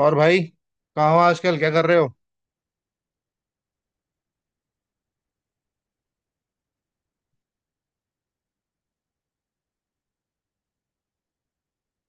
और भाई, कहाँ हो आजकल? क्या कर रहे हो?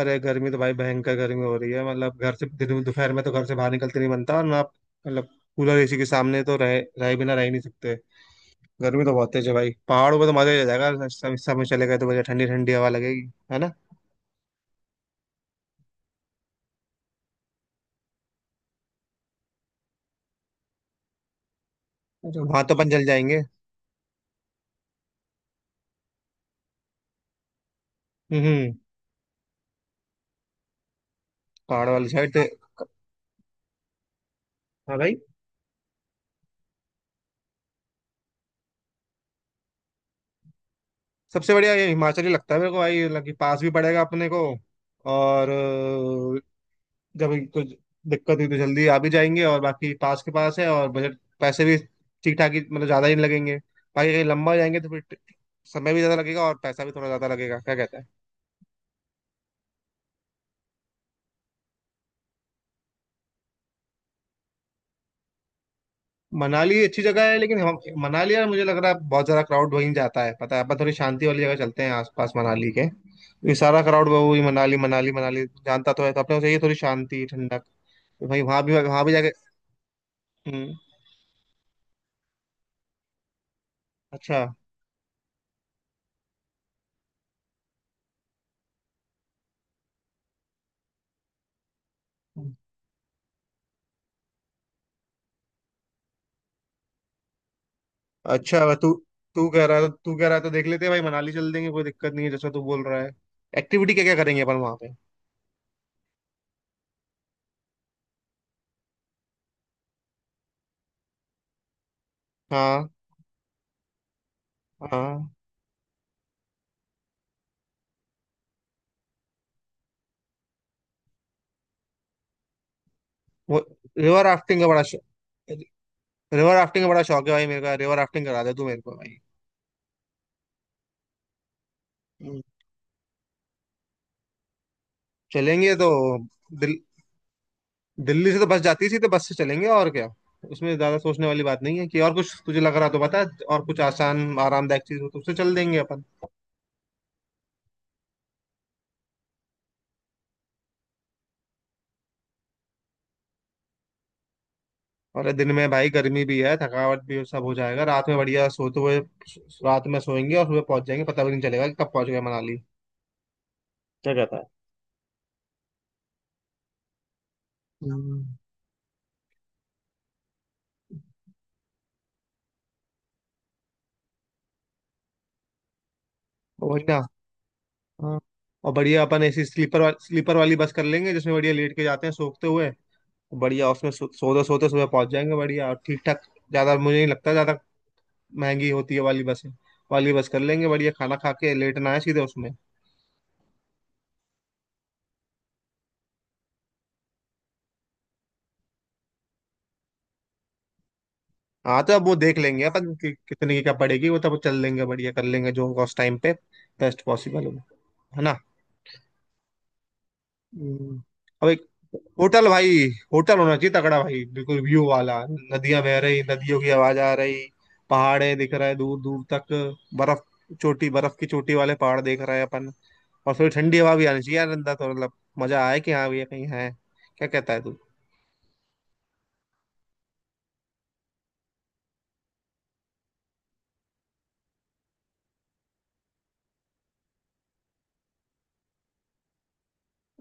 अरे गर्मी तो भाई भयंकर गर्मी हो रही है। मतलब घर से दोपहर में तो घर से बाहर निकलते नहीं बनता और ना आप। मतलब कूलर एसी के सामने तो रह रह बिना रह ही नहीं सकते। गर्मी तो बहुत तेज है भाई। पहाड़ों पे तो मजा ही आ जाएगा। इस सब इस समय चले गए तो बढ़िया ठंडी ठंडी हवा लगेगी, है ना? वहां तो अपन जल जाएंगे। हम्म। पहाड़ वाली साइड तो। हाँ भाई। सबसे बढ़िया ये हिमाचल ही लगता है मेरे को भाई, मतलब कि पास भी पड़ेगा अपने को। और जब कुछ दिक्कत हुई तो जल्दी आ भी जाएंगे, और बाकी पास के पास है, और बजट पैसे भी ठीक ठाक ही, मतलब ज़्यादा ही नहीं लगेंगे। बाकी कहीं लंबा जाएंगे तो फिर समय भी ज़्यादा लगेगा और पैसा भी थोड़ा ज़्यादा लगेगा। क्या कहता है? मनाली अच्छी जगह है, लेकिन हम मनाली, यार मुझे लग रहा है बहुत ज़्यादा क्राउड वहीं जाता है। पता है, अपन थोड़ी शांति वाली जगह चलते हैं आसपास मनाली के। ये सारा क्राउड वो ही मनाली मनाली मनाली जानता तो है, तो अपने को चाहिए थोड़ी शांति ठंडक। तो भाई वहाँ भी जाके। हम्म। अच्छा। अच्छा, तू तू कह रहा है, तू कह रहा है तो देख लेते हैं भाई, मनाली चल देंगे, कोई दिक्कत नहीं है जैसा तू बोल रहा है। एक्टिविटी क्या क्या करेंगे अपन वहां पे? हाँ। हाँ। वो रिवर राफ्टिंग का बड़ा शौक रिवर राफ्टिंग का बड़ा शौक है भाई मेरे का। रिवर राफ्टिंग करा दे तू मेरे को भाई। हम्म। चलेंगे तो दिल, दिल्ली से तो बस जाती थी, तो बस से चलेंगे और क्या। उसमें ज्यादा सोचने वाली बात नहीं है। कि और कुछ तुझे लग रहा तो बता। और कुछ आसान आरामदायक चीज हो तो उससे चल देंगे अपन। और दिन में भाई गर्मी भी है, थकावट भी सब हो जाएगा। रात में बढ़िया सोते हुए। रात में सोएंगे और सुबह पहुंच जाएंगे, पता भी नहीं चलेगा कि कब पहुंच गए मनाली। क्या कहता है? हम्म। वही ना। हाँ। और बढ़िया अपन ऐसी स्लीपर वाली बस कर लेंगे, जिसमें बढ़िया लेट के जाते हैं सोखते हुए। बढ़िया उसमें सोते सोते सुबह पहुंच जाएंगे बढ़िया और ठीक ठाक। ज्यादा मुझे नहीं लगता ज्यादा महंगी होती है वाली बसें। वाली बस कर लेंगे, बढ़िया खाना खा के लेटना है सीधे उसमें। हाँ तो अब वो देख लेंगे अपन कि, कितने की क्या पड़ेगी, वो तो अब चल लेंगे, बढ़िया कर लेंगे जो होगा उस टाइम पे। बेस्ट पॉसिबल होगा। है ना? हम्म। अब एक होटल भाई। होटल होना चाहिए तगड़ा भाई, बिल्कुल व्यू वाला, नदियां बह रही, नदियों की आवाज आ रही। पहाड़े दिख रहे दूर दूर तक। बर्फ। चोटी बर्फ की चोटी वाले पहाड़ देख रहे हैं अपन। और थोड़ी ठंडी हवा भी आनी चाहिए यार अंदर, तो मतलब मजा आए कि हाँ भैया कहीं है। क्या कहता है तू?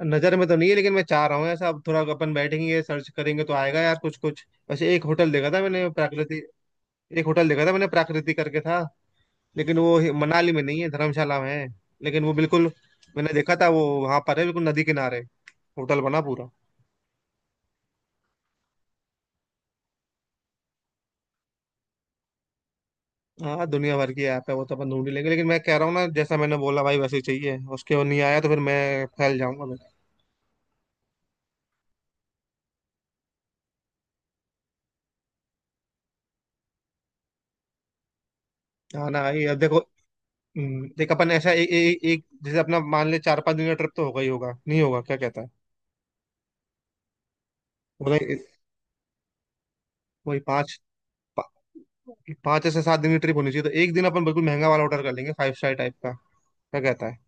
नजर में तो नहीं है, लेकिन मैं चाह रहा हूँ ऐसा। अब थोड़ा अपन बैठेंगे सर्च करेंगे तो आएगा यार कुछ कुछ। वैसे एक होटल देखा था मैंने प्राकृति करके था। लेकिन वो मनाली में नहीं है, धर्मशाला में है। लेकिन वो बिल्कुल। मैंने देखा था वो वहां पर है बिल्कुल नदी किनारे। होटल बना पूरा। हाँ, दुनिया भर की ऐप है वो तो अपन ढूंढ ही लेंगे, लेकिन मैं कह रहा हूँ ना जैसा मैंने बोला भाई वैसे ही चाहिए। उसके वो नहीं आया तो फिर मैं फैल जाऊंगा मैं। हाँ ना भाई, अब देखो। देख अपन ऐसा ए, ए, एक, जैसे अपना मान ले, 4-5 दिन का ट्रिप तो होगा ही होगा, नहीं होगा? क्या कहता है? मतलब वही पांच, पा- 5 से 7 दिन की ट्रिप होनी चाहिए। तो एक दिन अपन बिल्कुल महंगा वाला ऑर्डर कर लेंगे, फाइव स्टार टाइप का। क्या कहता है?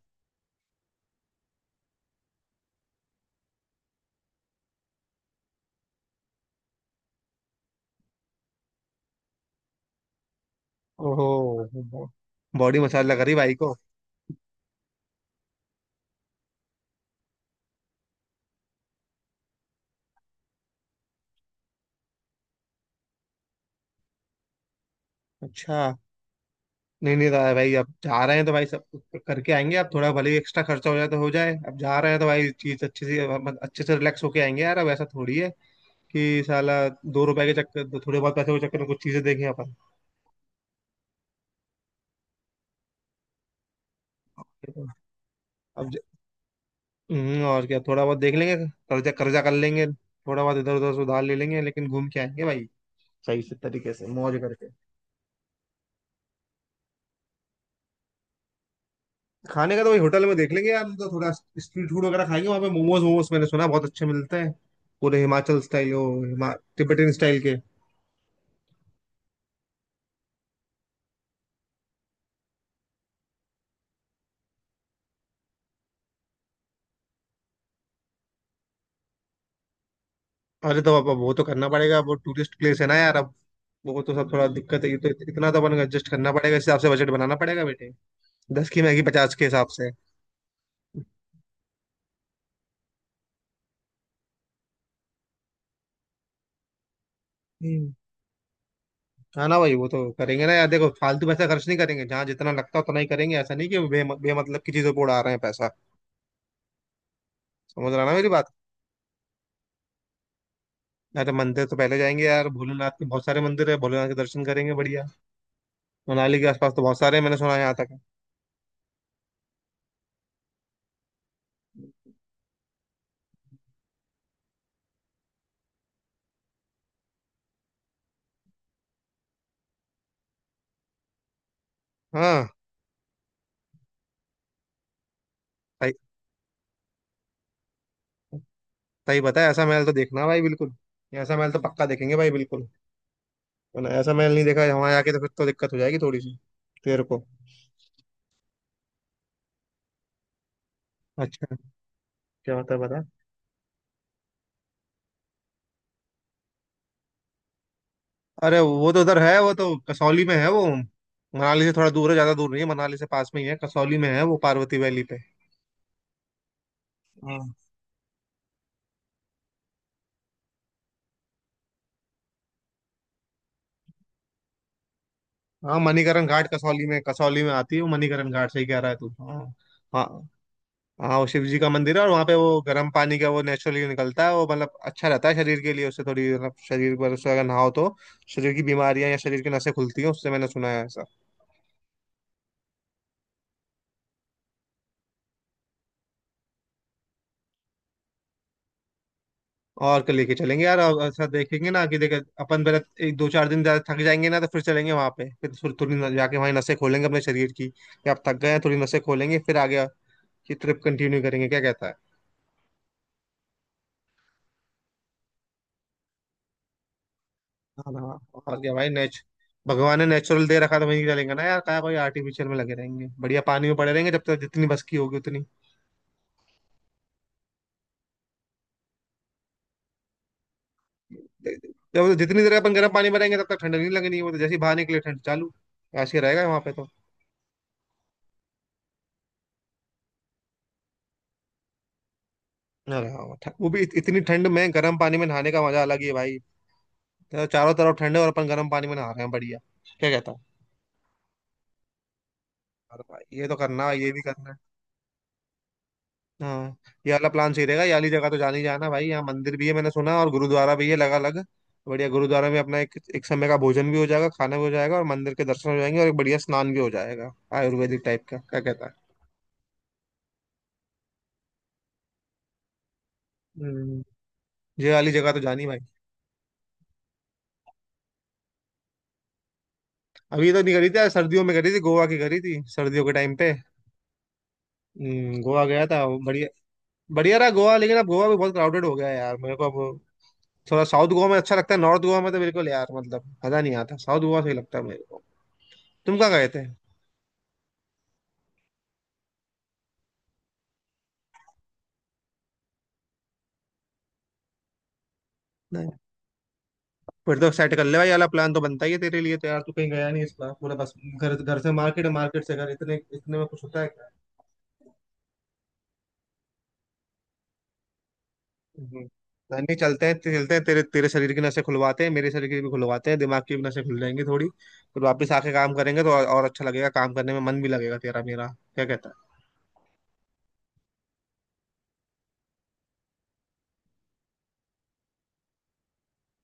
ओहो, बॉडी मसाज लगा रही भाई को। अच्छा। नहीं नहीं रहा है भाई, अब जा रहे हैं तो भाई सब करके आएंगे। अब थोड़ा भले ही एक्स्ट्रा खर्चा हो जाए तो हो जाए, अब जा रहे हैं तो भाई चीज अच्छे से, मतलब अच्छे से रिलैक्स होके आएंगे यार। अब ऐसा थोड़ी है कि साला 2 रुपए के चक्कर, थोड़े बहुत पैसे के चक्कर में कुछ चीजें देखें अपन। अब और क्या, थोड़ा बहुत देख लेंगे। कर्जा कर्जा कर लेंगे, थोड़ा बहुत इधर उधर से उधार ले लेंगे, लेकिन घूम के आएंगे भाई, सही से तरीके से मौज करके। खाने का तो वही होटल में देख लेंगे यार, तो थोड़ा स्ट्रीट फूड वगैरह खाएंगे वहां पे। मोमोज, मोमोज मैंने सुना बहुत अच्छे मिलते हैं। पूरे हिमाचल स्टाइल वो हिमा तिब्बतन स्टाइल के। अरे तो अब वो तो करना पड़ेगा, वो टूरिस्ट प्लेस है ना यार अब। वो तो सब थोड़ा दिक्कत है। ये तो इतना तो अपन एडजस्ट करना पड़ेगा, इस हिसाब से बजट बनाना पड़ेगा बेटे। दस की मैगी पचास के हिसाब से। हम्म। हाँ ना भाई, वो तो करेंगे ना यार, देखो फालतू पैसा खर्च नहीं करेंगे। जहाँ जितना लगता है उतना ही करेंगे, ऐसा नहीं कि बेमतलब की चीजों पे उड़ा रहे हैं पैसा। समझ रहा ना मेरी बात? अरे मंदिर तो पहले जाएंगे यार, भोलेनाथ के बहुत सारे मंदिर है, भोलेनाथ के दर्शन करेंगे बढ़िया। मनाली के आसपास तो बहुत सारे हैं, मैंने सुना है यहाँ तक। हाँ। सही, सही बताया, ऐसा महल तो देखना भाई बिल्कुल। ऐसा महल तो पक्का देखेंगे भाई बिल्कुल। वरना ऐसा महल नहीं देखा वहां जाके तो फिर तो दिक्कत हो जाएगी थोड़ी सी तेरे को। अच्छा, क्या होता है बता? अरे वो तो उधर है, वो तो कसौली में है, वो मनाली से थोड़ा दूर है, ज्यादा दूर नहीं है मनाली से, पास में ही है। कसौली में है वो, पार्वती वैली पे। हाँ, हाँ मणिकरण घाट कसौली में आती है वो, मणिकरण घाट सही कह रहा है तू। हाँ। हाँ, हाँ वो शिव जी का मंदिर है, और वहाँ पे वो गर्म पानी का वो नेचुरली निकलता है वो। मतलब अच्छा रहता है शरीर के लिए उससे, थोड़ी मतलब शरीर पर उससे अगर नहाओ तो शरीर की बीमारियां या शरीर की नसें खुलती हैं उससे, मैंने सुना है ऐसा। और कल लेके चलेंगे यार, और ऐसा देखेंगे ना कि देखे अपन पहले एक दो चार दिन, ज्यादा थक जाएंगे ना तो फिर चलेंगे वहाँ पे। फिर थोड़ी थोड़ी जाके वहाँ नसें खोलेंगे अपने शरीर की, कि आप थक गए हैं थोड़ी नसें खोलेंगे फिर आगे की ट्रिप कंटिन्यू करेंगे। क्या कहता है? हाँ ना, और क्या भाई, नेच भगवान ने नेचुरल दे रखा तो वहीं चलेंगे ना यार, क्या कोई आर्टिफिशियल में लगे रहेंगे। बढ़िया पानी में पड़े रहेंगे जब तक जितनी बस की होगी उतनी। जब जितनी देर अपन गर्म पानी में रहेंगे तब तक ठंड नहीं लगनी, वो तो जैसे ही बाहर निकले ठंड चालू। ऐसे ही रहेगा वहां पे तो। अरे हाँ, वो भी इतनी ठंड में गर्म पानी में नहाने का मजा अलग ही है भाई। तो चारों तरफ ठंड है और अपन गर्म पानी में नहा रहे हैं, बढ़िया। क्या कहता है? अरे भाई, ये तो करना, ये भी करना। हाँ। ये वाला प्लान सही रहेगा। ये वाली जगह तो जान ही जाना भाई, यहाँ मंदिर भी है मैंने सुना और गुरुद्वारा भी है लगा अलग। बढ़िया, गुरुद्वारा में अपना एक एक समय का भोजन भी हो जाएगा, खाना भी हो जाएगा, और मंदिर के दर्शन हो जाएंगे, और एक बढ़िया स्नान भी हो जाएगा, आयुर्वेदिक टाइप का। क्या कहता है? हम्म, ये वाली जगह तो जानी भाई। अभी तो नहीं करी थी यार, सर्दियों में करी थी, गोवा की करी थी सर्दियों के टाइम पे। गोवा गया था वो। बढ़िया, बढ़िया रहा गोवा, लेकिन अब गोवा भी बहुत क्राउडेड हो गया है यार मेरे को अब। थोड़ा साउथ गोवा में अच्छा लगता है, नॉर्थ गोवा में तो बिल्कुल यार, मतलब मजा नहीं आता। साउथ गोवा सही लगता है मेरे को। तुम कहाँ गए थे? फिर तो सेट कर ले भाई, वाला प्लान तो बनता ही है तेरे लिए तो यार। तू कहीं गया नहीं इस बार, पूरा बस घर, घर से मार्केट, मार्केट से घर, इतने इतने में कुछ होता है क्या? हम्म। नहीं, चलते हैं चलते हैं, तेरे तेरे शरीर की नसें खुलवाते हैं, मेरे शरीर की भी खुलवाते हैं, दिमाग की भी नसें खुल जाएंगी थोड़ी। फिर वापस आके काम करेंगे तो और अच्छा लगेगा, काम करने में मन भी लगेगा तेरा मेरा। क्या कहता है?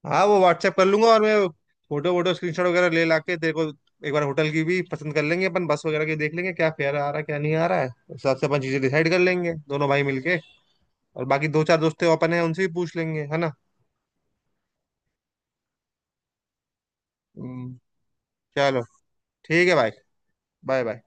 हाँ, वो व्हाट्सएप कर लूंगा और मैं फोटो वोटो स्क्रीनशॉट वगैरह ले ला के तेरे को। एक बार होटल की भी पसंद कर लेंगे अपन, बस वगैरह की देख लेंगे क्या फेयर आ रहा है क्या नहीं आ रहा है, उस हिसाब से अपन चीजें डिसाइड कर लेंगे दोनों भाई मिलके। और बाकी दो चार दोस्त हैं अपन है, उनसे भी पूछ लेंगे। है ना? हम्म, चलो ठीक है भाई। Bye bye.